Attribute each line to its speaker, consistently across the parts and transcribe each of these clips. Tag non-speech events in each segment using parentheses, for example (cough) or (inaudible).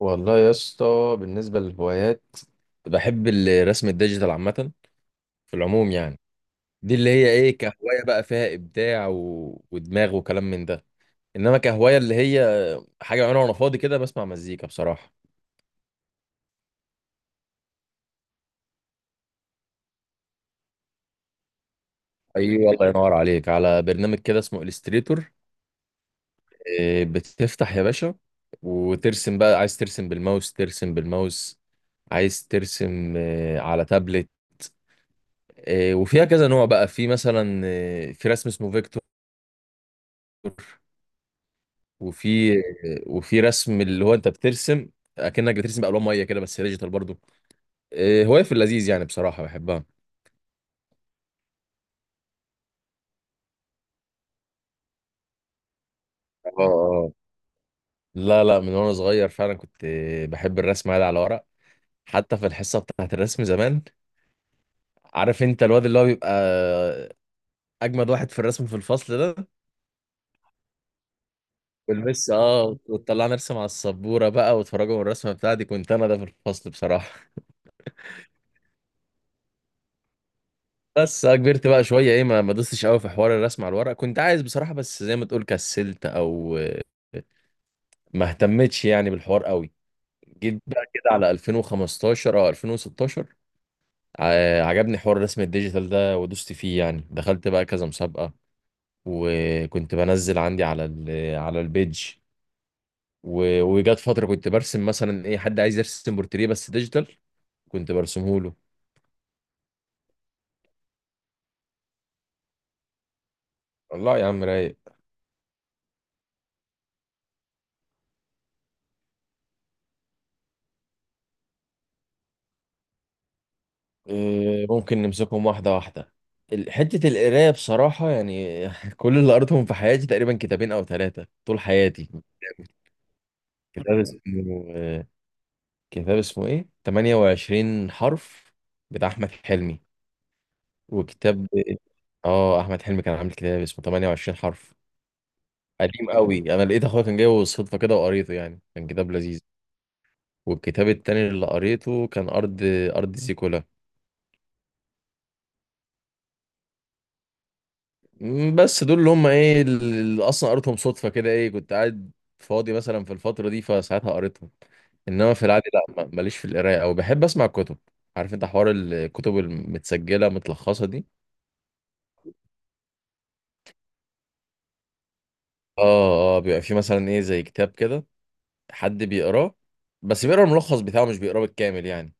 Speaker 1: والله يا اسطى، بالنسبة للهوايات بحب الرسم الديجيتال عامة، في العموم يعني. دي اللي هي ايه كهواية، بقى فيها إبداع ودماغ وكلام من ده. إنما كهواية اللي هي حاجة بعملها وأنا فاضي كده، بسمع مزيكا بصراحة. أيوة، الله ينور عليك، على برنامج كده اسمه إليستريتور. بتفتح يا باشا وترسم بقى، عايز ترسم بالماوس ترسم بالماوس، عايز ترسم على تابلت. وفيها كذا نوع بقى، في مثلا في رسم اسمه فيكتور. وفي وفي رسم اللي هو انت بترسم اكنك بترسم بالوان ميه كده، بس ديجيتال برضو. هوايه في اللذيذ يعني، بصراحه بحبها. اه، اه، لا، لا، من وانا صغير فعلا كنت بحب الرسم عادي على ورق. حتى في الحصه بتاعت الرسم زمان، عارف انت الواد اللي هو بيبقى اجمد واحد في الرسم في الفصل ده. والمس وتطلعنا نرسم على السبوره بقى، وتفرجوا من الرسمه بتاعتي، كنت انا ده في الفصل بصراحه. بس كبرت بقى شويه، ما دوستش قوي في حوار الرسم على الورق، كنت عايز بصراحه بس زي ما تقول كسلت، او ما اهتمتش يعني بالحوار قوي. جيت بقى كده على 2015 او 2016. عجبني حوار الرسم الديجيتال ده، ودوست فيه يعني، دخلت بقى كذا مسابقة، وكنت بنزل عندي على البيج. و- وجات فترة كنت برسم مثلا، حد عايز يرسم بورتريه بس ديجيتال كنت برسمه له. والله يا عم، رايق. ممكن نمسكهم واحدة واحدة. حتة القراية بصراحة يعني، (laughs) كل اللي قريتهم في حياتي تقريبا كتابين أو ثلاثة، طول حياتي. كتاب اسمه آه، كتاب اسمه إيه؟ 28 حرف بتاع أحمد حلمي. وكتاب أحمد حلمي كان عامل كتاب اسمه 28 حرف، قديم قوي. أنا لقيت أخويا كان جايبه بالصدفة كده، وقريته، يعني كان كتاب لذيذ. والكتاب التاني اللي قريته كان أرض زيكولا. بس دول اللي هم اللي اصلا قريتهم صدفه كده، كنت قاعد فاضي مثلا في الفتره دي، فساعتها قريتهم. انما في العادي لا، ماليش في القرايه، او بحب اسمع الكتب. عارف انت حوار الكتب المتسجله متلخصه دي؟ اه، اه، بيبقى في مثلا زي كتاب كده، حد بيقراه، بس بيقرا الملخص بتاعه، مش بيقراه بالكامل يعني.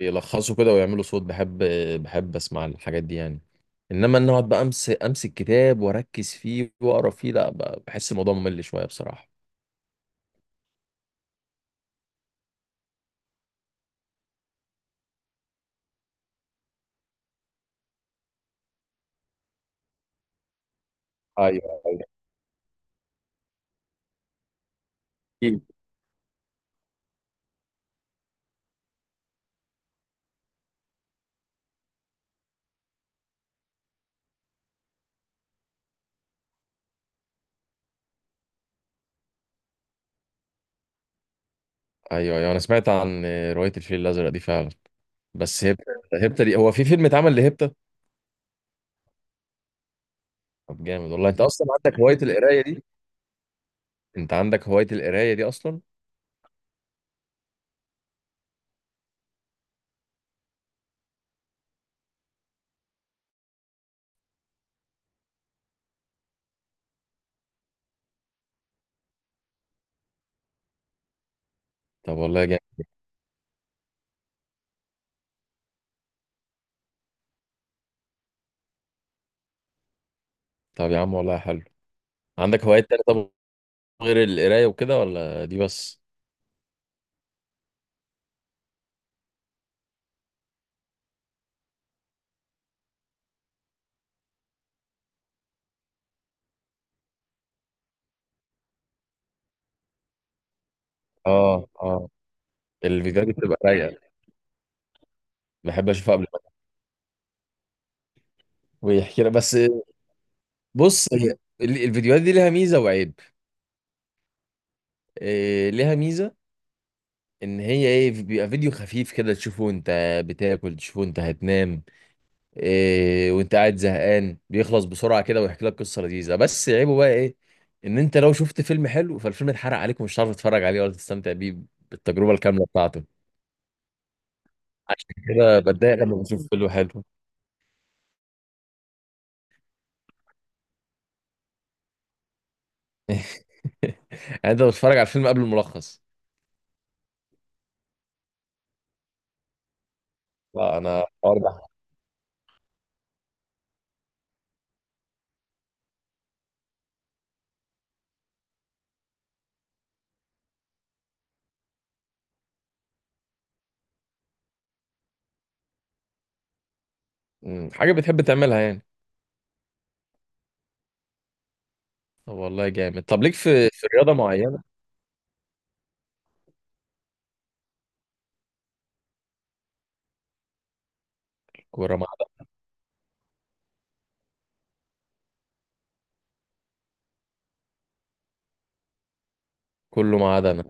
Speaker 1: بيلخصوا كده ويعملوا صوت. بحب اسمع الحاجات دي يعني. انما ان اقعد بقى امسك كتاب واركز فيه واقرا فيه، لا بحس الموضوع ممل شويه بصراحه. ايوه، أكيد. ايوه، ايوه، انا سمعت عن روايه الفيل الازرق دي فعلا. بس هبته. هبته دي، هو في فيلم اتعمل لهبته؟ طب جامد والله، انت اصلا عندك هوايه القرايه دي. انت عندك هوايه القرايه دي اصلا؟ طب والله جامد. طب يا عم والله حلو. عندك هوايات تانية طب، غير القرايه وكده، ولا دي بس؟ اه، اه، الفيديوهات دي بتبقى رايقه، بحب اشوفها قبل ما ويحكي لك بس. بص هي الفيديوهات دي لها ميزه وعيب. ليها ميزه، ان هي بيبقى فيديو خفيف كده تشوفه انت بتاكل، تشوفه انت هتنام، وانت قاعد زهقان بيخلص بسرعه كده، ويحكي لك قصه لذيذه. بس عيبه بقى ايه؟ ان انت لو شفت فيلم حلو فالفيلم اتحرق عليك، ومش هتعرف تتفرج عليه ولا تستمتع بيه بالتجربه الكامله بتاعته. عشان كده بتضايق لما بشوف فيلم حلو. (laughs) يعني انت بتتفرج على الفيلم قبل الملخص؟ لا انا الحوار ده. حاجه بتحب تعملها يعني. طب والله جامد. طب ليك في رياضه معينه؟ كوره، ما عدا كله، ما عدا انا.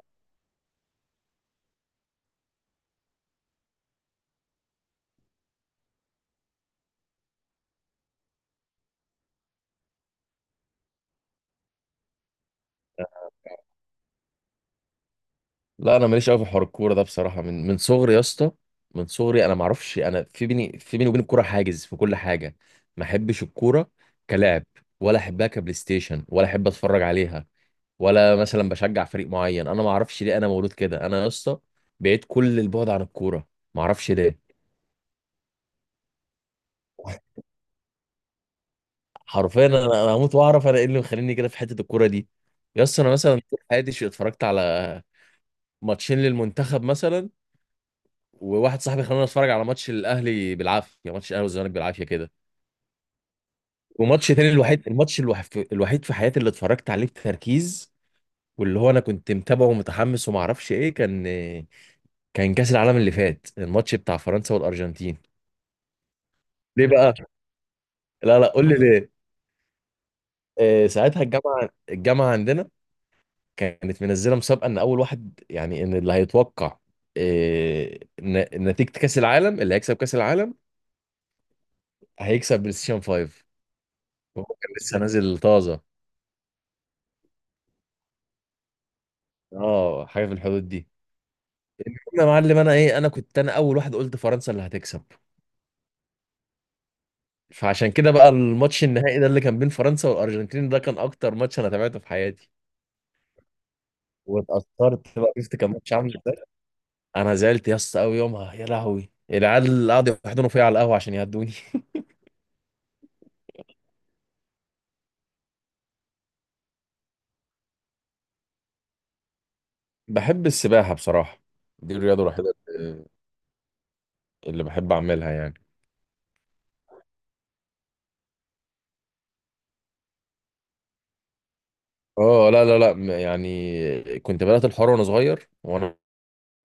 Speaker 1: لا انا ماليش قوي في حوار الكوره ده بصراحه، من صغري يا اسطى. من صغري انا ما اعرفش، انا في بيني وبين الكوره حاجز في كل حاجه. ما احبش الكوره كلاعب، ولا احبها كبلاي ستيشن، ولا احب اتفرج عليها، ولا مثلا بشجع فريق معين. انا ما اعرفش ليه، انا مولود كده، انا يا اسطى بعيد كل البعد عن الكوره، ما اعرفش ليه. حرفيا انا هموت واعرف انا ايه اللي مخليني كده في حته الكوره دي. يا اسطى انا مثلا طول حياتي اتفرجت على ماتشين للمنتخب مثلا، وواحد صاحبي خلاني اتفرج على ماتش الاهلي بالعافيه، يعني ماتش الاهلي والزمالك بالعافيه كده. وماتش تاني، الوحيد الماتش الوحيد في حياتي اللي اتفرجت عليه بتركيز، واللي هو انا كنت متابعه ومتحمس، وما اعرفش كان كاس العالم اللي فات، الماتش بتاع فرنسا والارجنتين. ليه بقى؟ لا، لا، قول لي ليه. ساعتها الجامعه عندنا كانت منزله مسابقه، ان اول واحد يعني، ان اللي هيتوقع نتيجه كاس العالم، اللي هيكسب كاس العالم هيكسب بلاي ستيشن 5. هو كان لسه نازل طازه. اه، حاجه في الحدود دي. يا معلم، انا ايه انا كنت انا اول واحد قلت فرنسا اللي هتكسب. فعشان كده بقى الماتش النهائي ده اللي كان بين فرنسا والارجنتين ده كان اكتر ماتش انا تابعته في حياتي. واتأثرت بقى، شفت كان ماتش عامل ازاي. انا زعلت يا اسطى قوي يومها، يا لهوي، العيال اللي قعدوا يحضنوا فيا على القهوه عشان يهدوني. (laughs) بحب السباحه بصراحه. دي الرياضه الوحيده اللي بحب اعملها يعني. اه، لا، لا، لا، يعني كنت بدأت الحوار وانا صغير، وانا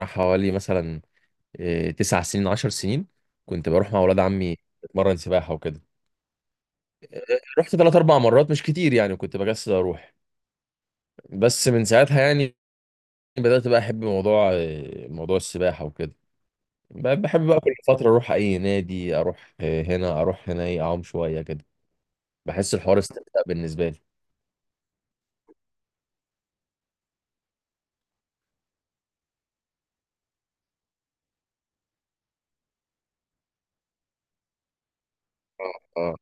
Speaker 1: حوالي مثلا 9 سنين 10 سنين. كنت بروح مع ولاد عمي اتمرن سباحه وكده. رحت ثلاث اربع مرات، مش كتير يعني، كنت بكسل اروح. بس من ساعتها يعني بدات بقى احب موضوع السباحه وكده. بحب بقى كل فتره اروح اي نادي، اروح هنا اروح هنا، اعوم شويه كده. بحس الحوار استمتاع بالنسبه لي. اه، آه.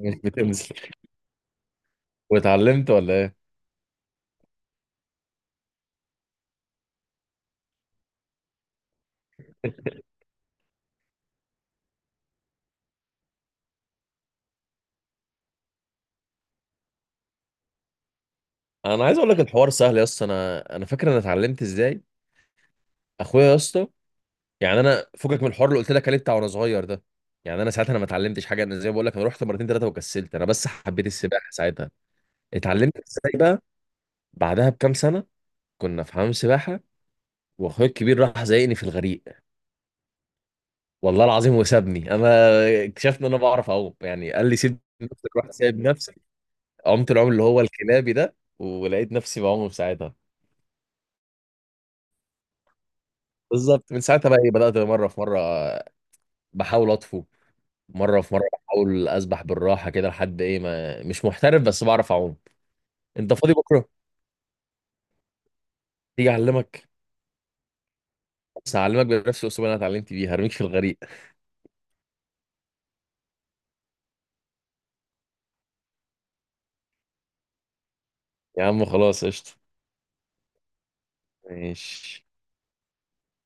Speaker 1: مش بتنزل؟ واتعلمت ولا ايه؟ (laughs) انا عايز اقول لك الحوار سهل يا اسطى. انا فاكر انا اتعلمت ازاي. اخويا يا اسطى، يعني انا فكك من الحوار اللي قلت لك عليه بتاع وانا صغير ده. يعني انا ساعتها انا ما اتعلمتش حاجه، انا زي ما بقول لك انا رحت مرتين ثلاثه وكسلت، انا بس حبيت السباحه ساعتها. اتعلمت ازاي بقى؟ بعدها بكام سنه كنا في حمام سباحه، واخويا الكبير راح زايقني في الغريق. والله العظيم، وسابني. انا اكتشفت ان انا بعرف اعوم يعني، قال لي سيب نفسك، رحت سايب نفسي، عمت العوم اللي هو الكلابي ده، ولقيت نفسي بعوم في ساعتها. بالظبط، من ساعتها بقى بدات مره في مره بحاول اطفو، مره في مره بحاول اسبح بالراحه كده، لحد ما مش محترف بس بعرف اعوم. انت فاضي بكره؟ تيجي اعلمك. بس هعلمك بنفس الاسلوب اللي انا اتعلمت بيه، هرميك في الغريق. يا عم خلاص قشطه. ماشي.